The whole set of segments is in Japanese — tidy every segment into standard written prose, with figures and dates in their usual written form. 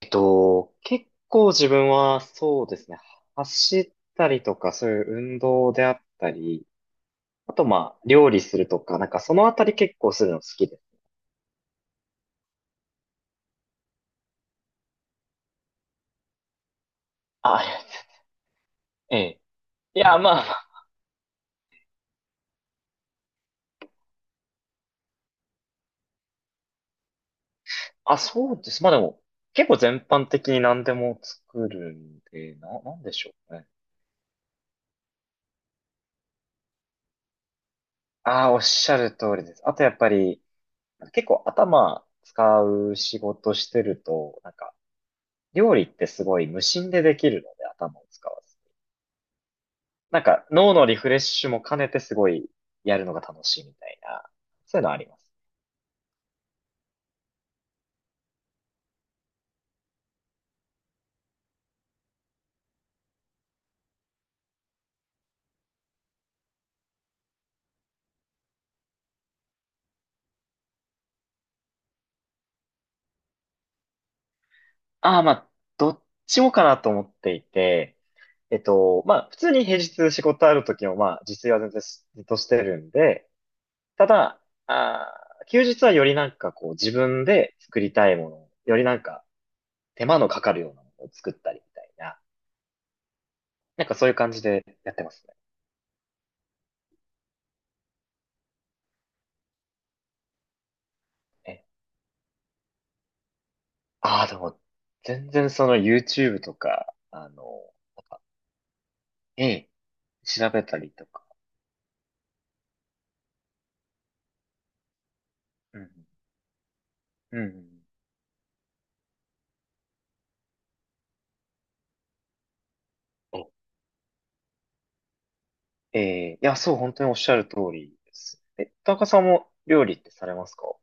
結構自分はそうですね、走ったりとか、そういう運動であったり、あとまあ、料理するとか、そのあたり結構するの好きです。あ、ありがとうございます。ええ。いや、まあ、あ、そうです。まあでも、結構全般的に何でも作るんで、なんでしょうね。ああ、おっしゃる通りです。あとやっぱり、結構頭使う仕事してると、料理ってすごい無心でできるので、頭を使わず。なんか脳のリフレッシュも兼ねてすごいやるのが楽しいみたいな、そういうのはあります。ああ、まあ、どっちもかなと思っていて、まあ、普通に平日仕事ある時も、まあ、自炊は全然ずっとしてるんで、ただ、あー休日はよりなんかこう自分で作りたいもの、よりなんか手間のかかるようなものを作ったりみたいな、なんかそういう感じでやってますね。ああ、でも、全然その YouTube とか、ええ、調べたりとか。うん。うん。お、ええ、いや、そう、本当におっしゃる通りです。え、田中さんも料理ってされますか？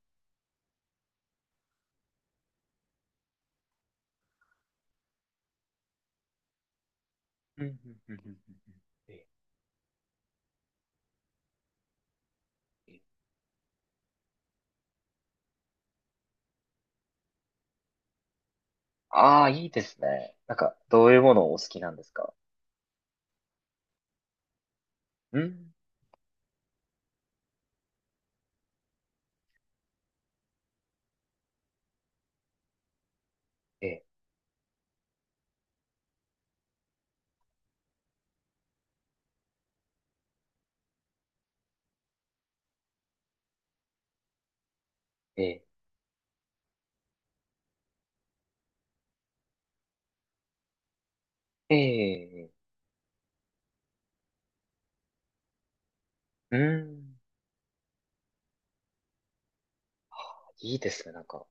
うんうんうんうん。うんうん。ええ。ああ、いいですね。なんか、どういうものをお好きなんですか？うん。ええ、ええ、ええ、うん。いいですね。なんか、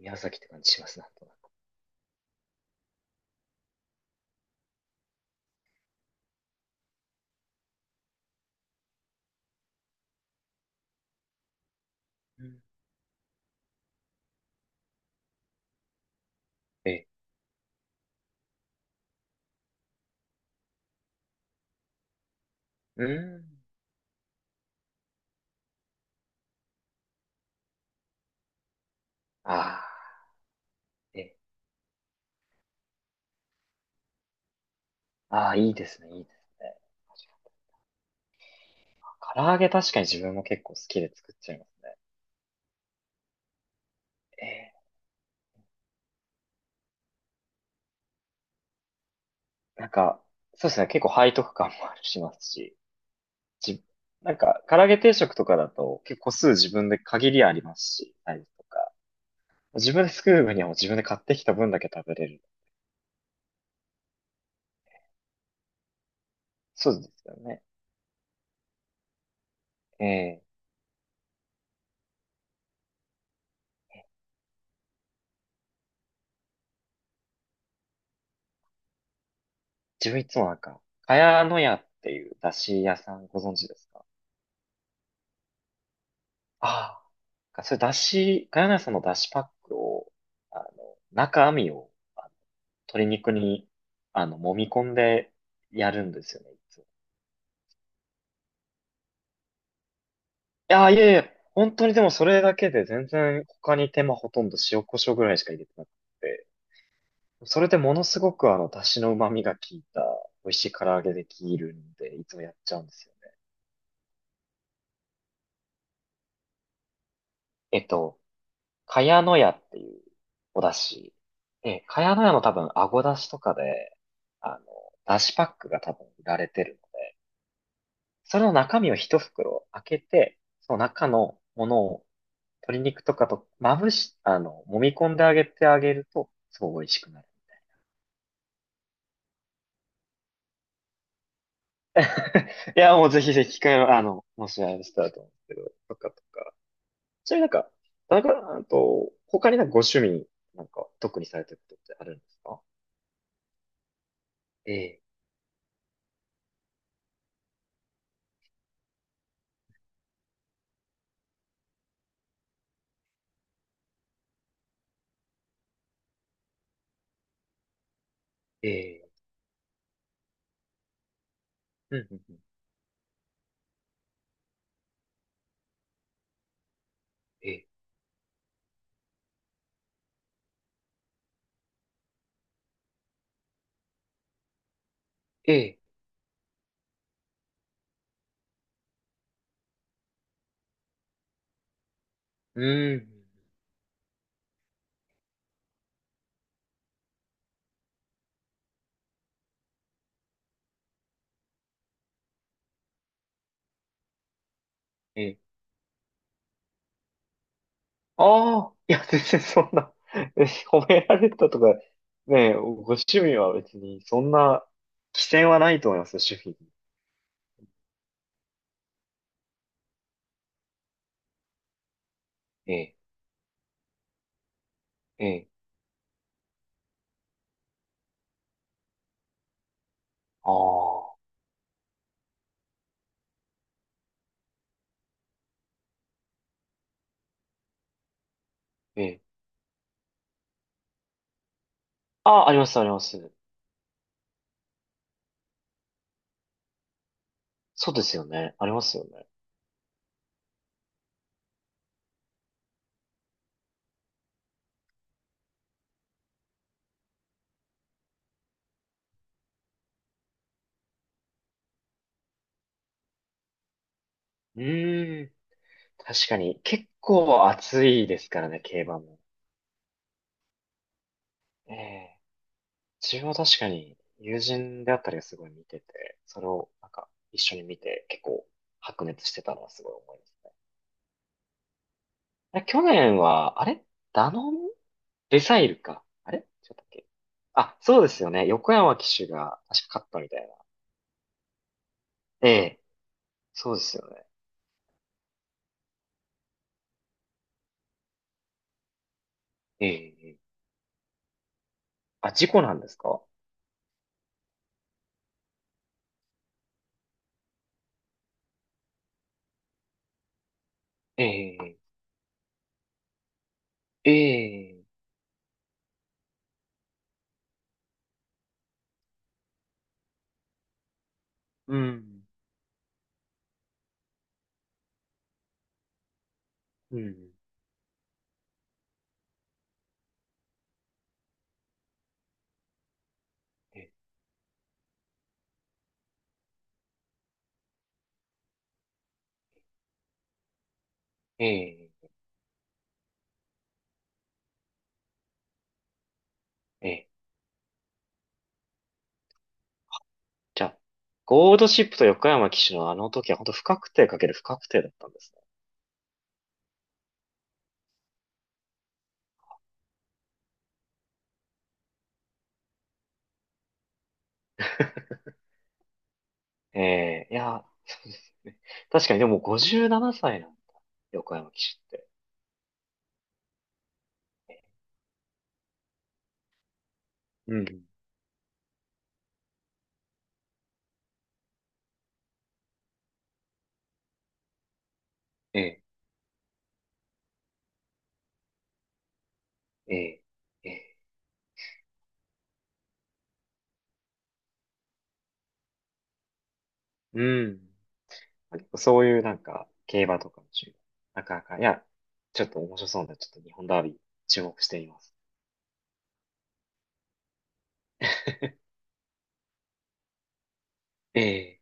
宮崎って感じしますね、なんとなく。うん。ええ、うん。ああ、ええ、ああ、いいですね、いいですね。唐揚げ確かに自分も結構好きで作っちゃいますね。ええ。なんか、そうですね、結構背徳感もあるしますし、じ、なんか、唐揚げ定食とかだと結構個数自分で限りありますし、サイズとか。自分で作る分にはもう自分で買ってきた分だけ食べれる。そうですよね。ええ。自分いつもなんか、かやのやっていう出汁屋さんご存知ですか？ああ。それ出汁、かやのやさんの出汁パックを、あの、中身を、あの鶏肉に、あの、揉み込んでやるんですよね。やー、いやいや、本当にでもそれだけで全然他に手間ほとんど塩コショウぐらいしか入れてなくて、それでものすごくあの、出汁の旨味が効いた美味しい唐揚げできるんで、いつもやっちゃうんですよね。えっと、茅の屋っていうお出汁。で、茅の屋の多分、あご出汁とかで、あの、出汁パックが多分売られてるので、それの中身を一袋開けて、その中のものを鶏肉とかとまぶし、あの、揉み込んであげてあげると、すごい美味しくなる。いや、もうぜひぜひ機会の、あの、もしあれしたらと思うんですけど、とかとか。ちなみになんか、田中さんと、他になんかご趣味、なんか、特にされてることってあるんですか？ええ、ええ、うん、うん、うん。ええ、ええ、うん、ええ。ああ、いや、全然そんな、え、褒められたとか、ねえ、ご趣味は別に、そんな、規制はないと思いますよ、趣味に。ええ、ええ、ああ、ええ。ああ、あります、あります。そうですよね。ありますよね。うーん。確かに、結構暑いですからね、競馬も。ええ。自分は確かに、友人であったりがすごい見てて、それをなんか一緒に見て、結構白熱してたのはすごい思いますね。あれ去年は、あれダノンレサイルか。あれ違ったっけ？あ、そうですよね。横山騎手が確か勝ったみたいな。ええ。そうですよね。ええ。ええ、あ、事故なんですか？ええ。ええ。うん。うん。ええ。ええ。ええ、じゃあ、ゴールドシップと横山騎手のあの時は本当不確定かける不確定だったんですね。ええ、いや、そうですね。確かにでも57歳ななさいなんだ。横山騎手って。うん。ええ、ええ、ええ。うん。そういうなんか、競馬とかの趣味。なかなか、いや、ちょっと面白そうなんで、ちょっと日本ダービー注目しています。ええ、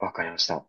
わかりました。